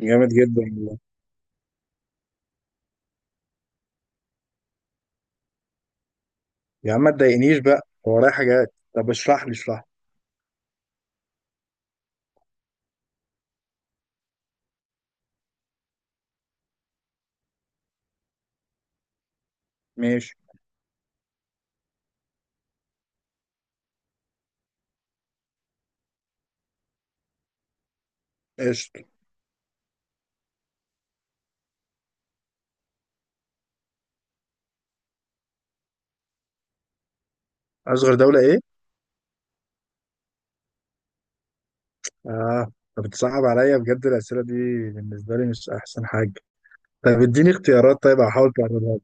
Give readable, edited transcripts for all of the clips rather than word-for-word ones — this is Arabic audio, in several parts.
جامد جدا والله. يا عم ما تضايقنيش بقى، هو ورايا حاجات. طب اشرح لي. ماشي. قشطة. أصغر دولة إيه؟ آه، طب بتصعب عليا بجد الأسئلة دي، بالنسبة لي مش أحسن حاجة. طب اديني اختيارات طيب، هحاول تقربها لي.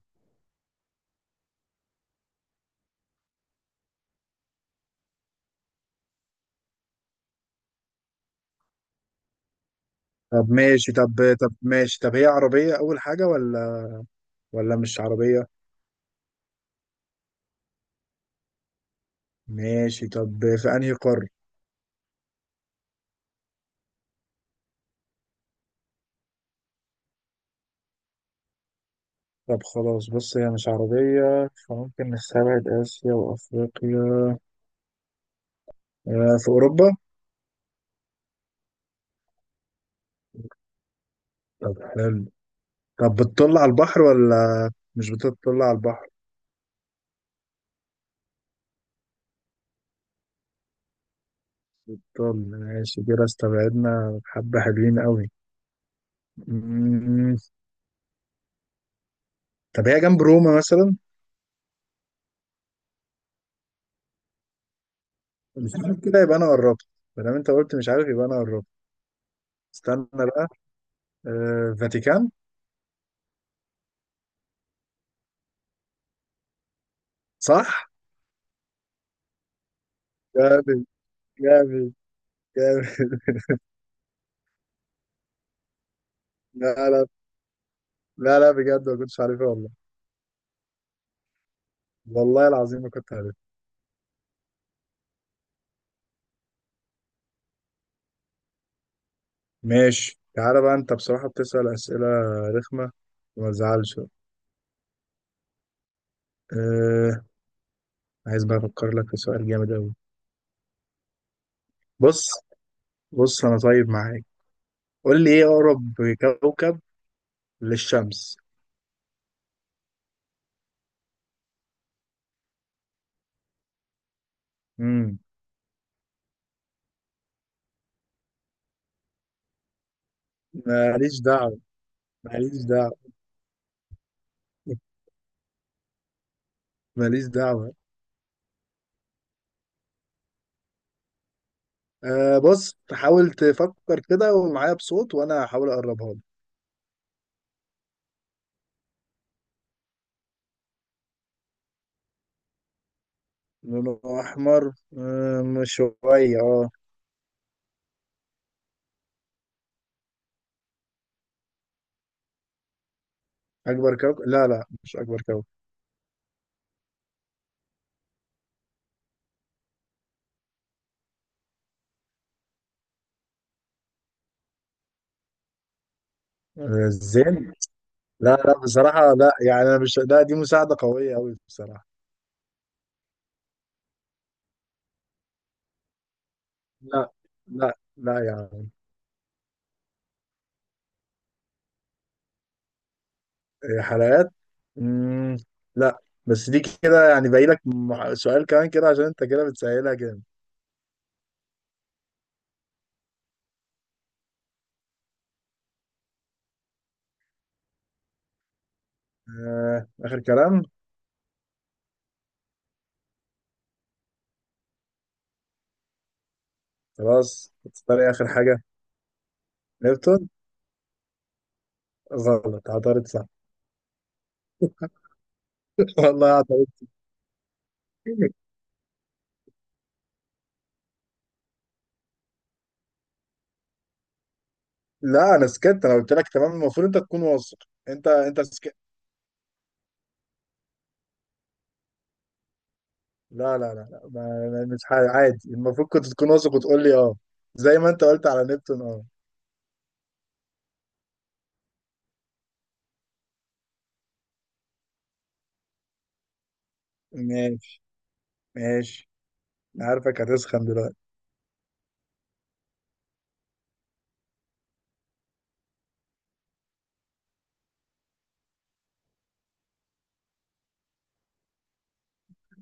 طب ماشي طب طب ماشي طب هي عربية أول حاجة ولا مش عربية؟ ماشي. طب في أنهي قارة؟ طب خلاص، بص هي مش عربية فممكن نستبعد آسيا وأفريقيا. آه، في أوروبا؟ طب حلو. طب بتطل على البحر مش بتطل على البحر. بتطل، ماشي كده استبعدنا حبة حلوين قوي. مم. طب هي جنب روما مثلا؟ مش عارف، كده يبقى انا قربت. ما دام انت قلت مش عارف يبقى انا قربت. استنى بقى. فاتيكان. صح. جامد. جامد. جامد. لا لا لا لا، بجد ما كنتش عارفها والله. والله العظيم ما كنت عارفها. ماشي. تعالى بقى، انت بصراحة بتسأل أسئلة رخمة، وما تزعلش. أه... عايز بقى افكر لك في سؤال جامد قوي. بص، بص انا طيب معاك. قول لي، ايه اقرب كوكب للشمس؟ امم ماليش دعوه، ماليش دعوه، ماليش دعوه. آه، بص حاول تفكر كده ومعايا بصوت وانا هحاول اقربها لك. لونه احمر؟ آه، مش شويه، اه. اكبر كوكب؟ لا لا، مش اكبر كوكب. آه، الزين؟ لا لا، بصراحه لا يعني، انا مش لا دي مساعده قويه قوي بصراحه. لا لا يعني. حلقات؟ مم. لا، بس دي كده يعني باقي لك سؤال كمان كده، عشان انت كده بتسهلها جامد. آه. اخر كلام. خلاص، تختار ايه اخر حاجه؟ نيوتن. غلط. عطارد صح. والله عطارد. لا، انا سكت، انا قلت لك تمام، المفروض انت تكون واثق. انت سكت. لا، ما- ما- مش ح- عادي، المفروض كنت تكون واثق وتقول لي اه، زي ما انت قلت على نيوتن، اه. ماشي، ماشي. أنا عارفك هتسخن دلوقتي.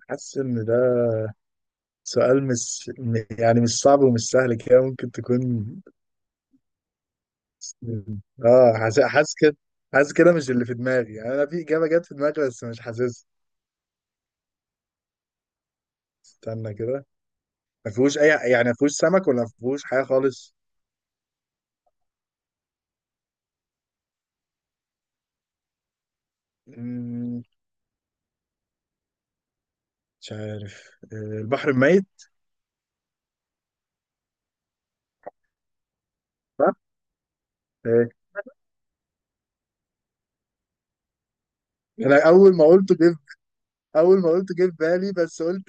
حاسس ان ده سؤال مش م- يعني مش صعب ومش سهل كده، ممكن تكون. اه، حاسس كده. حاسس كده، مش اللي في دماغي يعني، انا في اجابه جت في دماغي بس مش حاسسها. استنى كده. ما فيهوش اي، يعني ما فيهوش سمك، ولا ما فيهوش حاجه خالص؟ مم، مش عارف. آه، البحر الميت. صح. آه، انا اول ما قلت جه. اول ما قلت جه في بالي بس قلت.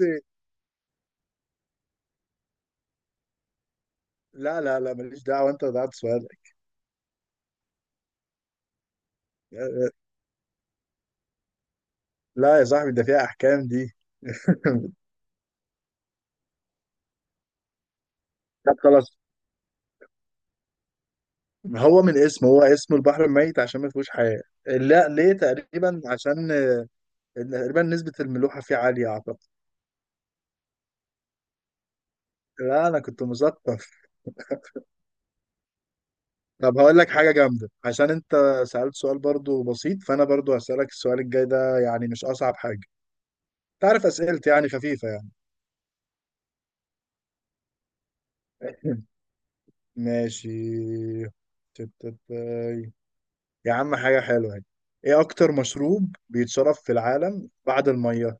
لا لا لا، ماليش دعوه، انت ضيعت سؤالك. آه، آه، لا يا صاحبي، ده فيها احكام دي. طب خلاص، هو من اسمه، هو اسمه البحر الميت عشان ما فيهوش حياة. لا، ليه تقريبا عشان تقريبا نسبة الملوحة فيه عالية أعتقد. لا، أنا كنت مثقف. طب هقول لك حاجة جامدة، عشان أنت سألت سؤال برضو بسيط، فأنا برضو هسألك السؤال الجاي ده يعني مش أصعب حاجة. تعرف أسئلتي يعني خفيفة يعني. ماشي. تاي. يا عم حاجة حلوة يعني. إيه أكتر مشروب بيتشرب في العالم بعد المية؟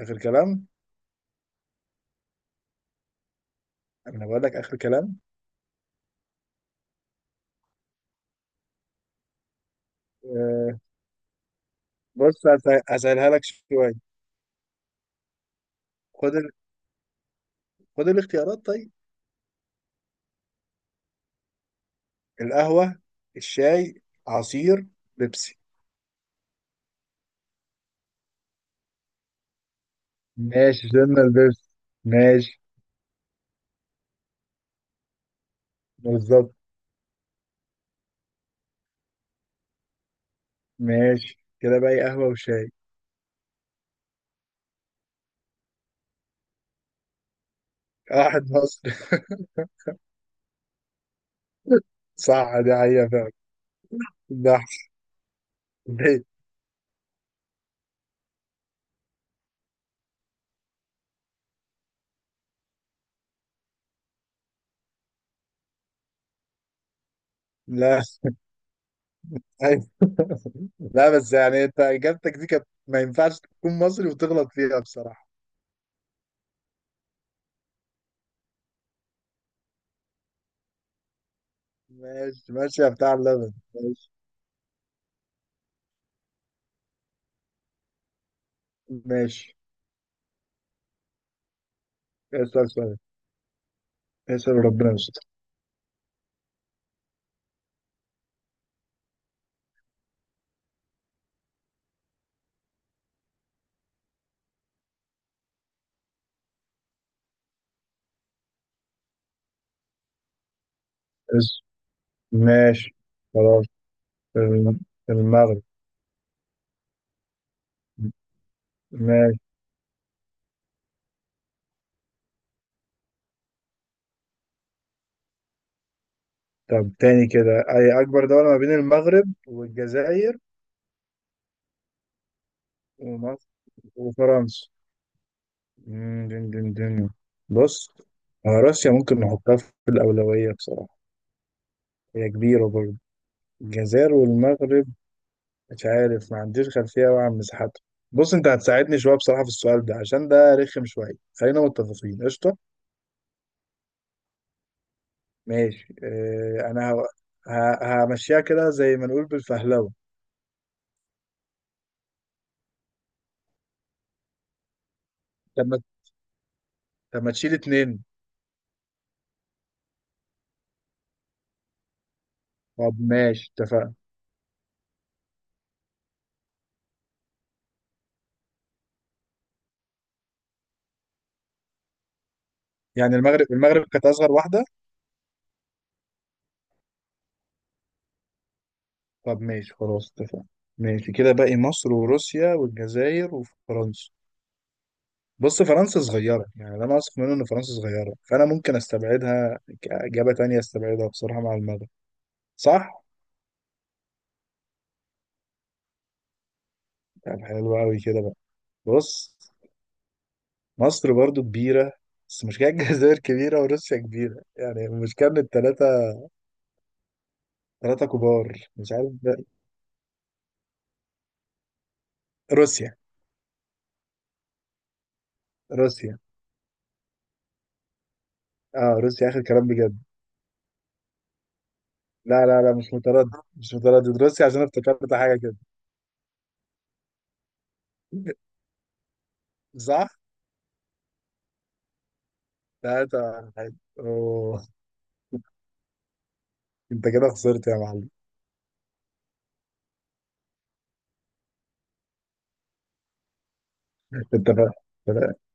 آخر كلام؟ أنا بقول لك آخر كلام. آه، بص هسهلها لك شوية. خد خد الاختيارات طيب. القهوة، الشاي، عصير، بيبسي. ماشي، شلنا البيبسي. ماشي. بالظبط. ماشي كده بقى، قهوة وشاي. واحد مصري. صح، دي حقيقة فعلا. ده أحسن. ليه؟ لا. أيوة. لا بس يعني، انت اجابتك دي كانت ما ينفعش تكون مصري وتغلط فيها بصراحة. ماشي ماشي يا بتاع اللبن، ماشي. ماشي. اسأل سؤال، اسأل ربنا يستر. ماشي خلاص. الم- المغرب. ماشي. طب تاني كده، أي أكبر دولة ما بين المغرب والجزائر ومصر وفرنسا؟ مم، دن دن دن. بص، روسيا ممكن نحطها في الأولوية بصراحة، هي كبيرة برضه. الجزائر والمغرب مش عارف، ما عنديش خلفية أوي عن مساحتها. بص أنت هتساعدني شوية بصراحة في السؤال ده، عشان ده رخم شوية. خلينا متفقين، قشطة. ماشي، اه، همشيها كده زي ما نقول بالفهلوة. طب طب ما تشيل اتنين. طب ماشي اتفقنا. يعني المغرب، المغرب كانت اصغر واحده. طب ماشي خلاص اتفقنا. ماشي كده باقي مصر وروسيا والجزائر وفرنسا. بص فرنسا صغيره، يعني اللي انا واثق منه ان فرنسا صغيره، فانا ممكن استبعدها كاجابه تانية، استبعدها بصراحه مع المغرب. صح. طب حلو قوي كده بقى. بص مصر برضو كبيره، بس مشكلة الجزائر كبيرة وروسيا كبيرة، يعني المشكلة ان التلاتة، تلاتة كبار مش عارف بقى. روسيا. روسيا. اه روسيا اخر كلام بجد. لا مش متردد، مش متردد روسيا، عشان أنا افتكرت حاجة كده. صح؟ لا انت. أوه. انت كده خسرت يا معلم. انت بقى.